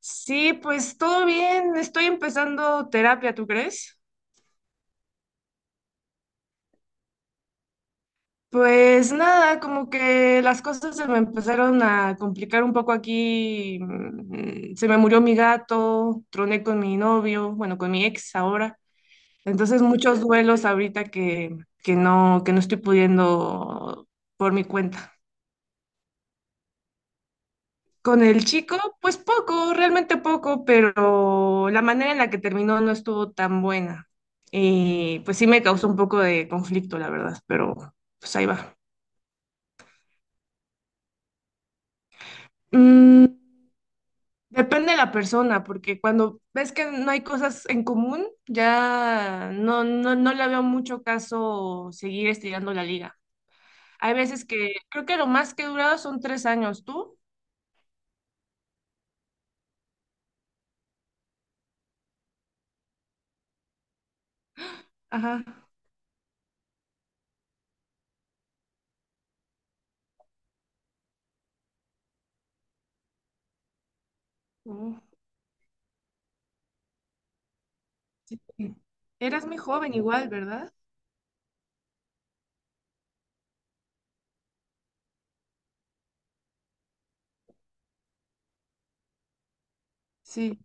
Sí, pues todo bien, estoy empezando terapia, ¿tú crees? Pues nada, como que las cosas se me empezaron a complicar un poco aquí. Se me murió mi gato, troné con mi novio, bueno, con mi ex ahora. Entonces muchos duelos ahorita que no estoy pudiendo por mi cuenta. Con el chico, pues poco, realmente poco, pero la manera en la que terminó no estuvo tan buena. Y pues sí me causó un poco de conflicto, la verdad, pero pues ahí va. Mm, Depende de la persona, porque cuando ves que no hay cosas en común, ya no, no, no le veo mucho caso seguir estirando la liga. Hay veces que creo que lo más que he durado son tres años. ¿Tú? Ajá. Oh, sí. Eras muy joven igual, ¿verdad? Sí.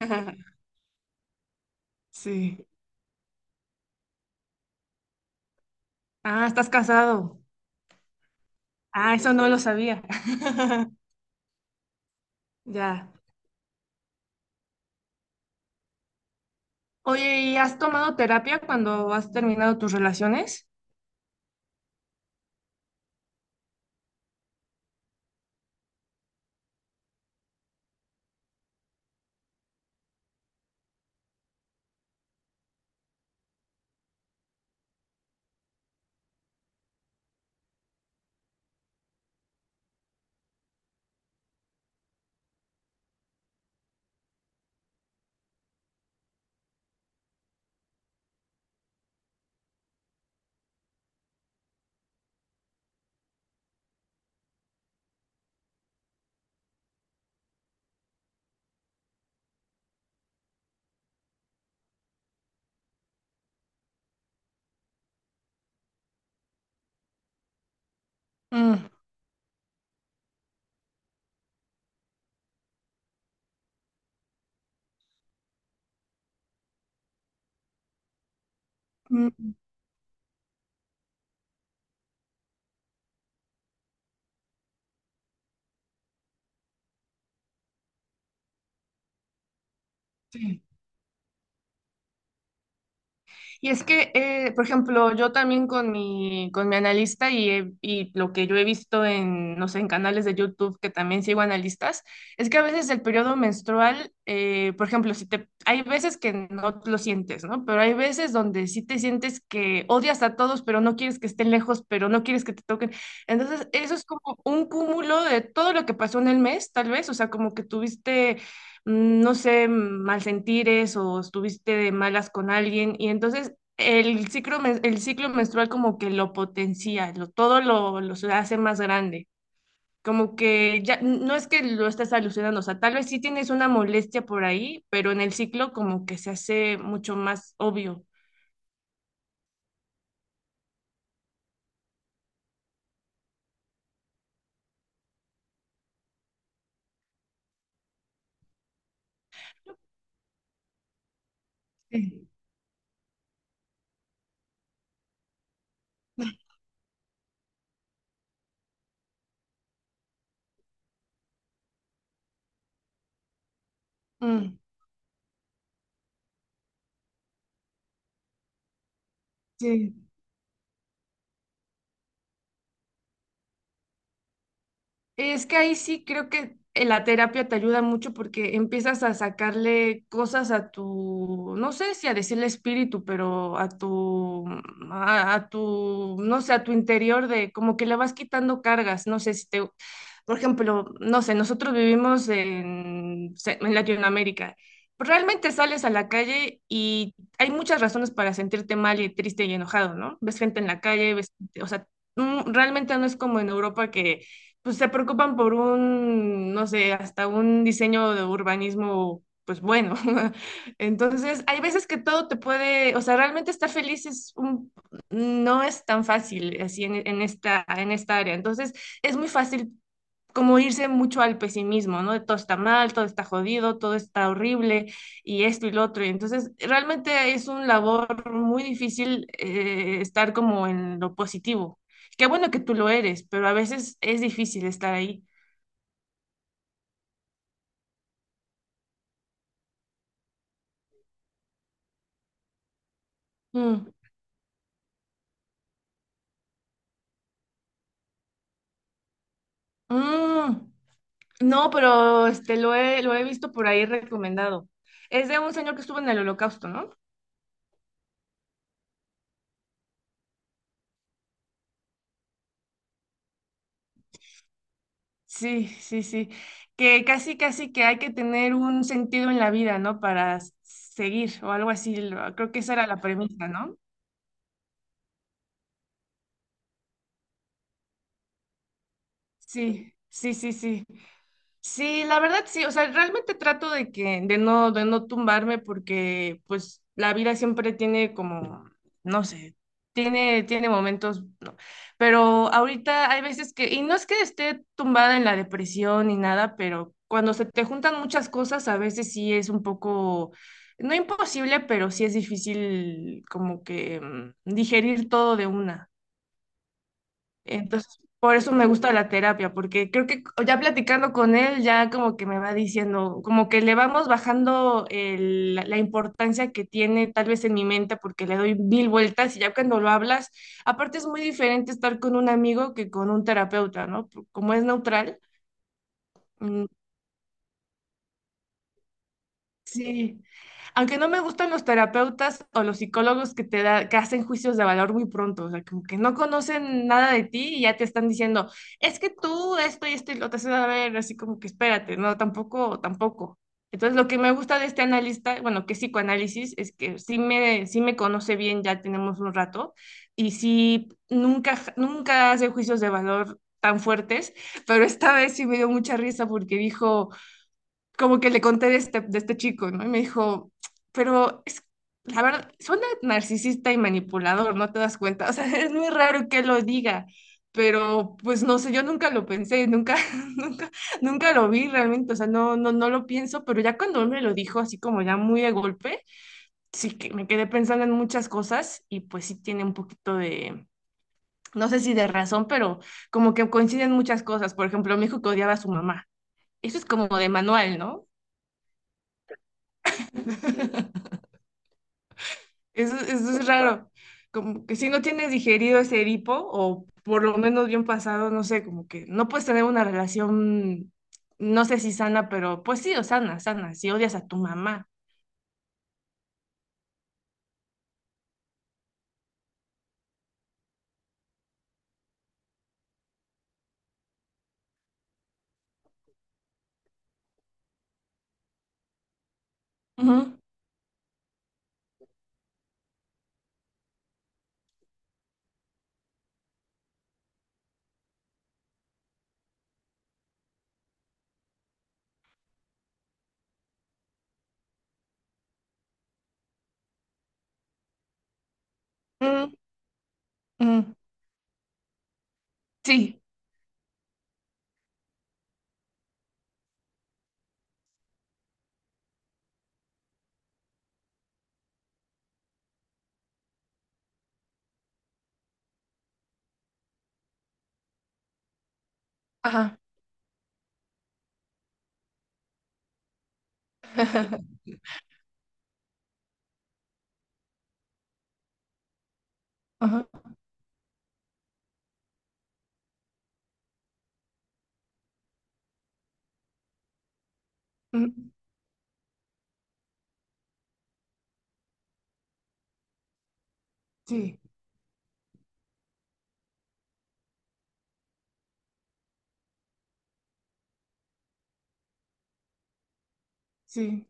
Sí. Ah, estás casado. Ah, eso no lo sabía. Ya. Oye, ¿y has tomado terapia cuando has terminado tus relaciones? Mm, mm, sí. Y es que, por ejemplo, yo también con mi analista y, y lo que yo he visto en, no sé, en canales de YouTube que también sigo analistas, es que a veces el periodo menstrual, por ejemplo, si te, hay veces que no lo sientes, ¿no? Pero hay veces donde sí te sientes que odias a todos, pero no quieres que estén lejos, pero no quieres que te toquen. Entonces, eso es como un cúmulo de todo lo que pasó en el mes, tal vez, o sea, como que tuviste no sé, malsentires o estuviste de malas con alguien. Y entonces el ciclo, el ciclo menstrual como que lo potencia, todo lo se hace más grande. Como que ya no es que lo estés alucinando, o sea, tal vez sí tienes una molestia por ahí, pero en el ciclo como que se hace mucho más obvio. Sí, mm, sí. Es que ahí sí creo que la terapia te ayuda mucho porque empiezas a sacarle cosas a tu, no sé si a decirle espíritu, pero a tu, a tu, no sé, a tu interior de como que le vas quitando cargas. No sé si te, por ejemplo, no sé, nosotros vivimos en Latinoamérica. Pues, realmente sales a la calle y hay muchas razones para sentirte mal y triste y enojado, ¿no? Ves gente en la calle, ves, o sea, realmente no es como en Europa que pues, se preocupan por un, no sé, hasta un diseño de urbanismo, pues bueno. Entonces, hay veces que todo te puede, o sea, realmente estar feliz es un, no es tan fácil así en esta área. Entonces, es muy fácil como irse mucho al pesimismo, ¿no? De todo está mal, todo está jodido, todo está horrible y esto y lo otro. Y entonces, realmente es una labor muy difícil estar como en lo positivo. Qué bueno que tú lo eres, pero a veces es difícil estar ahí. Mm, mm. No, pero este, lo he visto por ahí recomendado. Es de un señor que estuvo en el holocausto, ¿no? Sí, sí, sí. Que casi, casi que hay que tener un sentido en la vida, ¿no? Para seguir o algo así. Creo que esa era la premisa, ¿no? Sí, sí, sí, sí. Sí, la verdad sí, o sea, realmente trato de no tumbarme porque pues la vida siempre tiene como, no sé, tiene momentos, ¿no? Pero ahorita hay veces que, y no es que esté tumbada en la depresión ni nada, pero cuando se te juntan muchas cosas, a veces sí es un poco, no imposible, pero sí es difícil como que digerir todo de una. Entonces, por eso me gusta la terapia, porque creo que ya platicando con él, ya como que me va diciendo, como que le vamos bajando la importancia que tiene tal vez en mi mente, porque le doy mil vueltas y ya cuando lo hablas, aparte es muy diferente estar con un amigo que con un terapeuta, ¿no? Como es neutral. Mm, sí, aunque no me gustan los terapeutas o los psicólogos que hacen juicios de valor muy pronto, o sea, como que no conocen nada de ti y ya te están diciendo, es que tú esto y esto y lo te haces a ver, así como que espérate, no, tampoco, tampoco. Entonces, lo que me gusta de este analista, bueno, que es psicoanálisis, es que sí me conoce bien, ya tenemos un rato, y sí, nunca, nunca hace juicios de valor tan fuertes, pero esta vez sí me dio mucha risa porque dijo como que le conté de este chico, ¿no? Y me dijo, pero es, la verdad, suena narcisista y manipulador, ¿no te das cuenta? O sea, es muy raro que lo diga, pero pues no sé, yo nunca lo pensé, nunca, nunca, nunca lo vi realmente, o sea, no, no, no lo pienso, pero ya cuando él me lo dijo así como ya muy de golpe, sí que me quedé pensando en muchas cosas y pues sí tiene un poquito de... No sé si de razón, pero como que coinciden muchas cosas. Por ejemplo, me dijo que odiaba a su mamá. Eso es como de manual, ¿no? Eso es raro. Como que si no tienes digerido ese Edipo, o por lo menos bien pasado, no sé, como que no puedes tener una relación, no sé si sana, pero pues sí, o sana, sana, si odias a tu mamá. Ujú, mm, mm, sí, ajá, ajá, mm, sí, sí,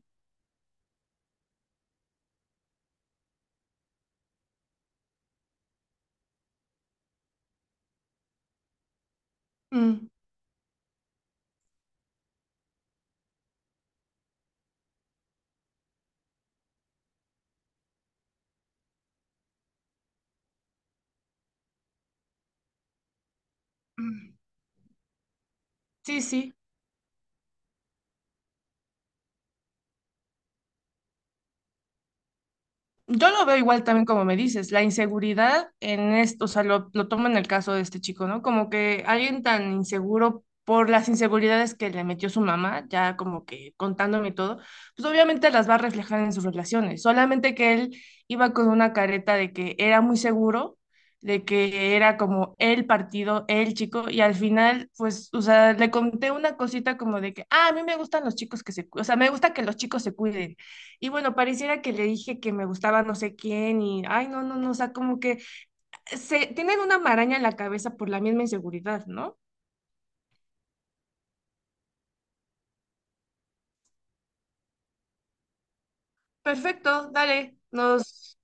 mm, mm, sí, sí. Yo lo veo igual también como me dices, la inseguridad en esto, o sea, lo tomo en el caso de este chico, ¿no? Como que alguien tan inseguro por las inseguridades que le metió su mamá, ya como que contándome todo, pues obviamente las va a reflejar en sus relaciones, solamente que él iba con una careta de que era muy seguro, de que era como el partido, el chico, y al final, pues, o sea, le conté una cosita como de que, ah, a mí me gustan los chicos que se, o sea, me gusta que los chicos se cuiden. Y bueno, pareciera que le dije que me gustaba no sé quién y, ay, no, no, no, o sea, como que se tienen una maraña en la cabeza por la misma inseguridad, ¿no? Perfecto, dale, nos